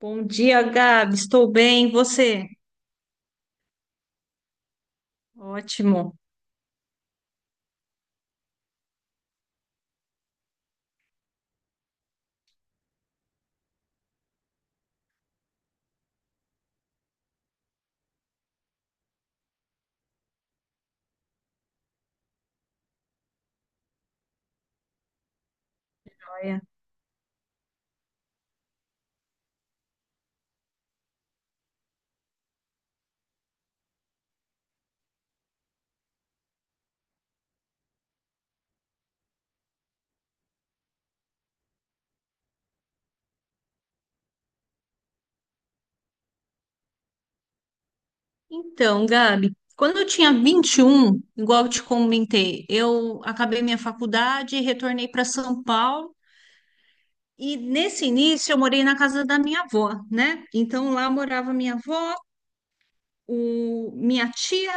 Bom dia, Gabi. Estou bem, e você? Ótimo. Joia. Então, Gabi, quando eu tinha 21, igual eu te comentei, eu acabei minha faculdade e retornei para São Paulo. E nesse início eu morei na casa da minha avó, né? Então lá morava minha avó, minha tia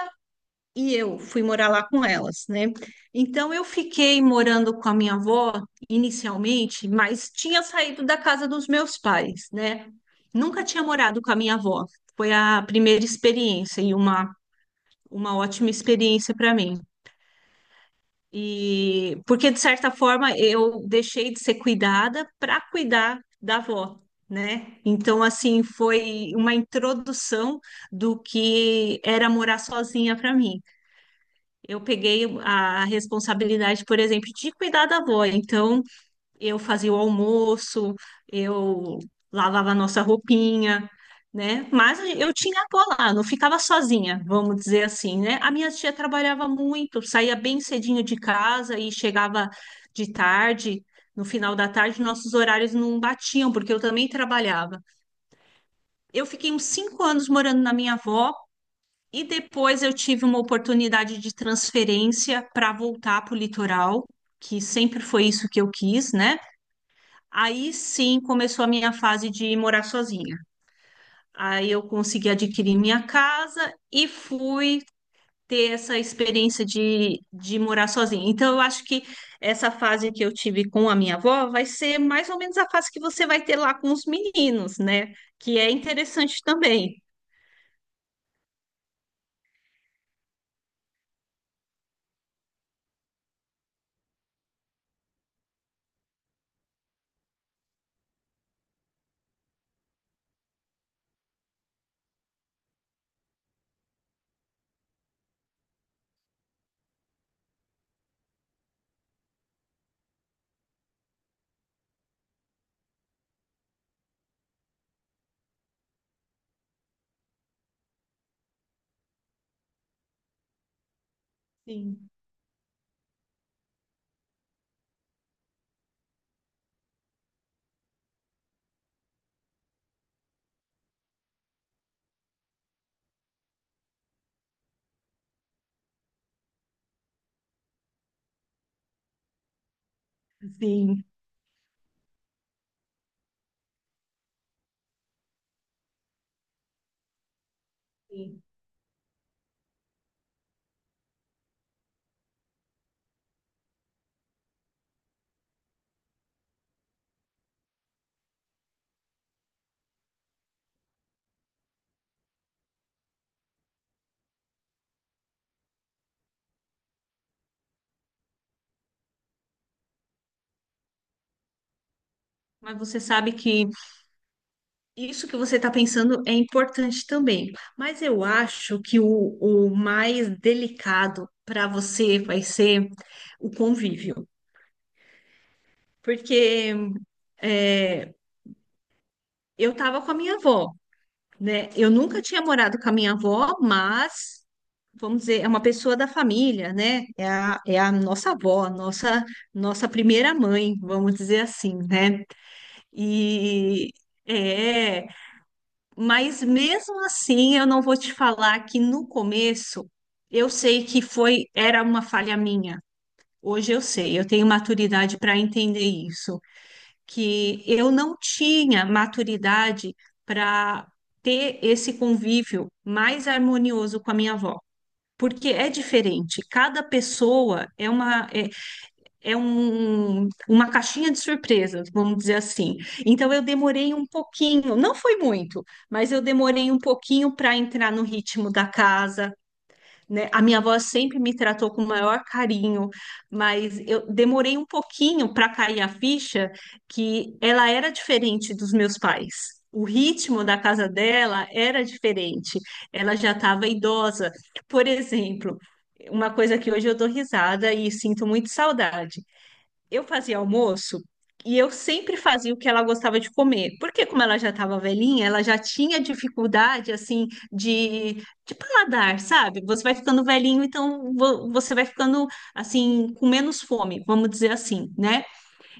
e eu fui morar lá com elas, né? Então eu fiquei morando com a minha avó inicialmente, mas tinha saído da casa dos meus pais, né? Nunca tinha morado com a minha avó. Foi a primeira experiência e uma ótima experiência para mim. E porque de certa forma eu deixei de ser cuidada para cuidar da avó, né? Então assim foi uma introdução do que era morar sozinha para mim. Eu peguei a responsabilidade, por exemplo, de cuidar da avó. Então, eu fazia o almoço, eu lavava a nossa roupinha, né? Mas eu tinha a avó lá, não ficava sozinha, vamos dizer assim, né? A minha tia trabalhava muito, saía bem cedinho de casa e chegava de tarde. No final da tarde, nossos horários não batiam, porque eu também trabalhava. Eu fiquei uns 5 anos morando na minha avó. E depois eu tive uma oportunidade de transferência para voltar para o litoral, que sempre foi isso que eu quis, né? Aí sim começou a minha fase de morar sozinha. Aí eu consegui adquirir minha casa e fui ter essa experiência de morar sozinha. Então eu acho que essa fase que eu tive com a minha avó vai ser mais ou menos a fase que você vai ter lá com os meninos, né? Que é interessante também. Sim, sim, sim. Mas você sabe que isso que você está pensando é importante também, mas eu acho que o mais delicado para você vai ser o convívio, porque é, eu estava com a minha avó, né? Eu nunca tinha morado com a minha avó, mas vamos dizer, é uma pessoa da família, né? É a nossa avó, nossa primeira mãe, vamos dizer assim, né? E. é, Mas mesmo assim, eu não vou te falar que no começo eu sei que foi era uma falha minha. Hoje eu sei, eu tenho maturidade para entender isso, que eu não tinha maturidade para ter esse convívio mais harmonioso com a minha avó, porque é diferente. Cada pessoa é uma é, é uma caixinha de surpresas, vamos dizer assim. Então eu demorei um pouquinho, não foi muito, mas eu demorei um pouquinho para entrar no ritmo da casa, né? A minha avó sempre me tratou com o maior carinho, mas eu demorei um pouquinho para cair a ficha que ela era diferente dos meus pais. O ritmo da casa dela era diferente. Ela já estava idosa. Por exemplo, uma coisa que hoje eu dou risada e sinto muito saudade eu fazia almoço e eu sempre fazia o que ela gostava de comer. Porque como ela já estava velhinha, ela já tinha dificuldade assim de, de paladar, sabe? Você vai ficando velhinho, então você vai ficando assim com menos fome, vamos dizer assim, né?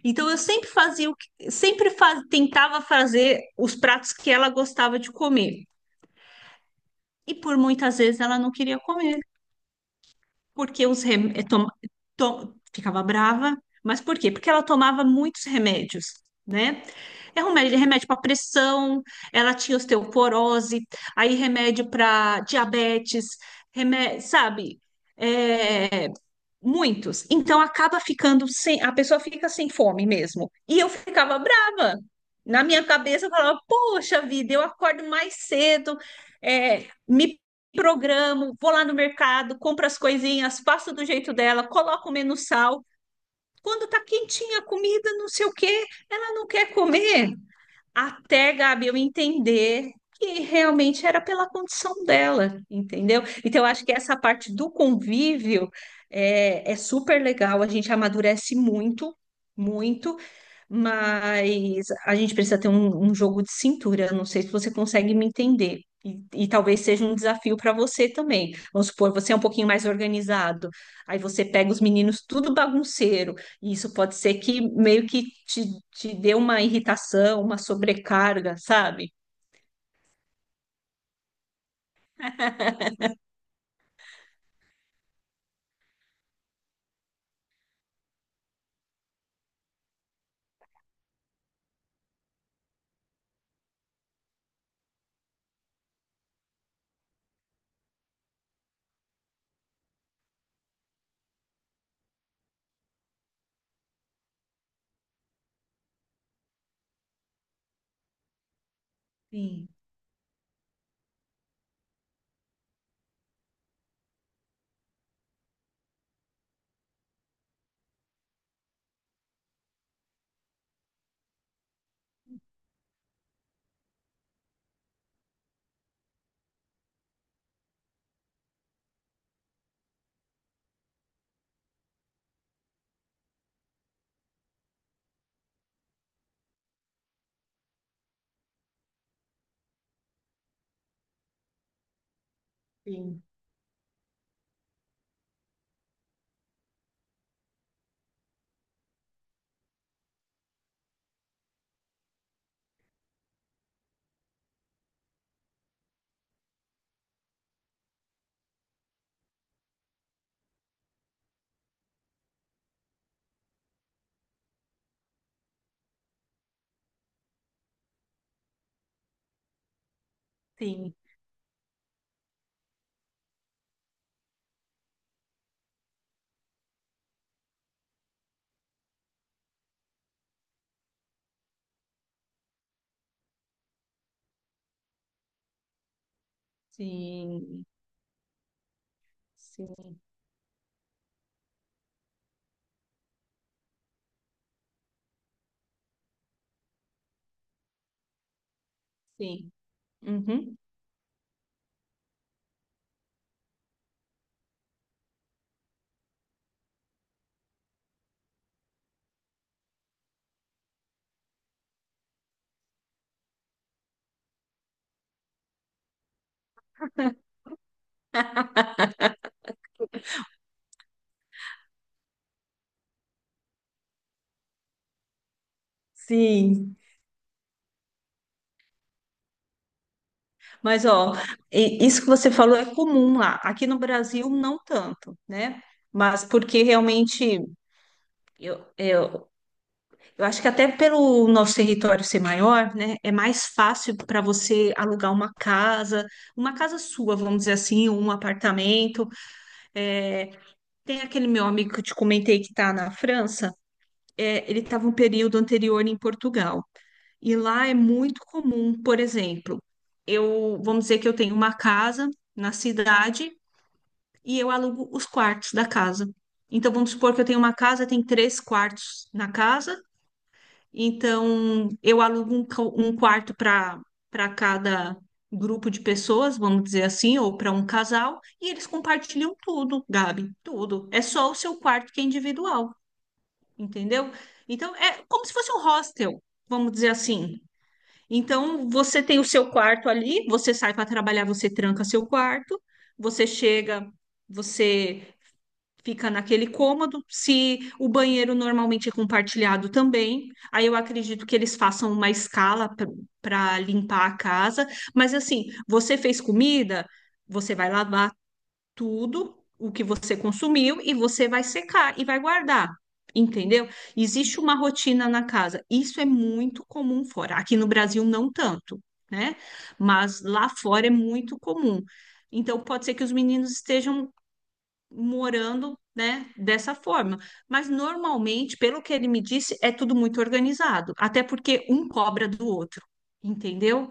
Então eu sempre fazia o que, sempre fa- tentava fazer os pratos que ela gostava de comer. E por muitas vezes ela não queria comer. Porque os rem... eh, tom- tom- Ficava brava, mas por quê? Porque ela tomava muitos remédios, né? Remédio, remédio para pressão, ela tinha osteoporose, aí remédio para diabetes, remédio, sabe? É, Muitos. Então acaba ficando sem, a pessoa fica sem fome mesmo. E eu ficava brava. Na minha cabeça eu falava, poxa vida, eu acordo mais cedo, me programo, vou lá no mercado, compro as coisinhas, faço do jeito dela, coloco menos sal. Quando tá quentinha a comida, não sei o quê, ela não quer comer até, Gabi, eu entender que realmente era pela condição dela, entendeu? Então, eu acho que essa parte do convívio é super legal, a gente amadurece muito, muito, mas a gente precisa ter um jogo de cintura. Não sei se você consegue me entender. E talvez seja um desafio para você também. Vamos supor, você é um pouquinho mais organizado. Aí você pega os meninos tudo bagunceiro. E isso pode ser que meio que te dê uma irritação, uma sobrecarga, sabe? Sim, sim, sim, sim, sim, sim. Uhum. Sim, mas, ó, isso que você falou é comum lá. Aqui no Brasil, não tanto, né? Mas porque realmente, eu, eu, eu acho que até pelo nosso território ser maior, né? É mais fácil para você alugar uma casa sua, vamos dizer assim, um apartamento. É, tem aquele meu amigo que eu te comentei que está na França. Ele estava um período anterior em Portugal. E lá é muito comum, por exemplo, vamos dizer que eu tenho uma casa na cidade e eu alugo os quartos da casa. Então vamos supor que eu tenho uma casa, tem 3 quartos na casa, então eu alugo um quarto para cada grupo de pessoas, vamos dizer assim, ou para um casal, e eles compartilham tudo, Gabi, tudo. É só o seu quarto que é individual, entendeu? Então é como se fosse um hostel, vamos dizer assim. Então, você tem o seu quarto ali, você sai para trabalhar, você tranca seu quarto, você chega, você fica naquele cômodo. Se o banheiro normalmente é compartilhado também, aí eu acredito que eles façam uma escala para limpar a casa. Mas assim, você fez comida, você vai lavar tudo o que você consumiu e você vai secar e vai guardar, entendeu? Existe uma rotina na casa. Isso é muito comum fora. Aqui no Brasil não tanto, né? Mas lá fora é muito comum. Então pode ser que os meninos estejam morando, né, dessa forma. Mas normalmente, pelo que ele me disse, é tudo muito organizado, até porque um cobra do outro, entendeu?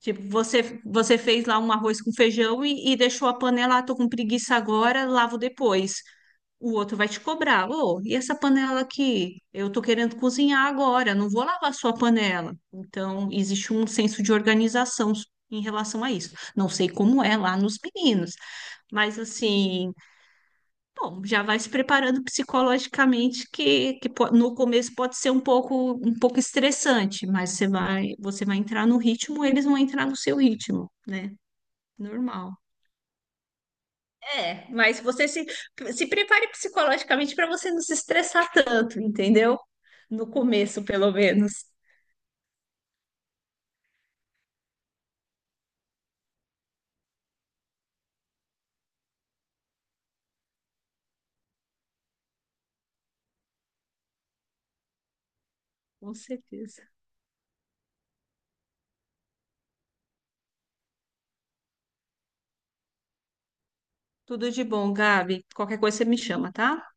Tipo, você fez lá um arroz com feijão e deixou a panela, ah, tô com preguiça agora, lavo depois. O outro vai te cobrar. Ô, e essa panela aqui? Eu tô querendo cozinhar agora, não vou lavar a sua panela. Então, existe um senso de organização em relação a isso. Não sei como é lá nos meninos, mas assim, bom, já vai se preparando psicologicamente, no começo pode ser um pouco estressante, mas você vai entrar no ritmo, eles vão entrar no seu ritmo, né? Normal. É, mas você se, se prepare psicologicamente para você não se estressar tanto, entendeu? No começo, pelo menos. Com certeza. Tudo de bom, Gabi. Qualquer coisa você me chama, tá?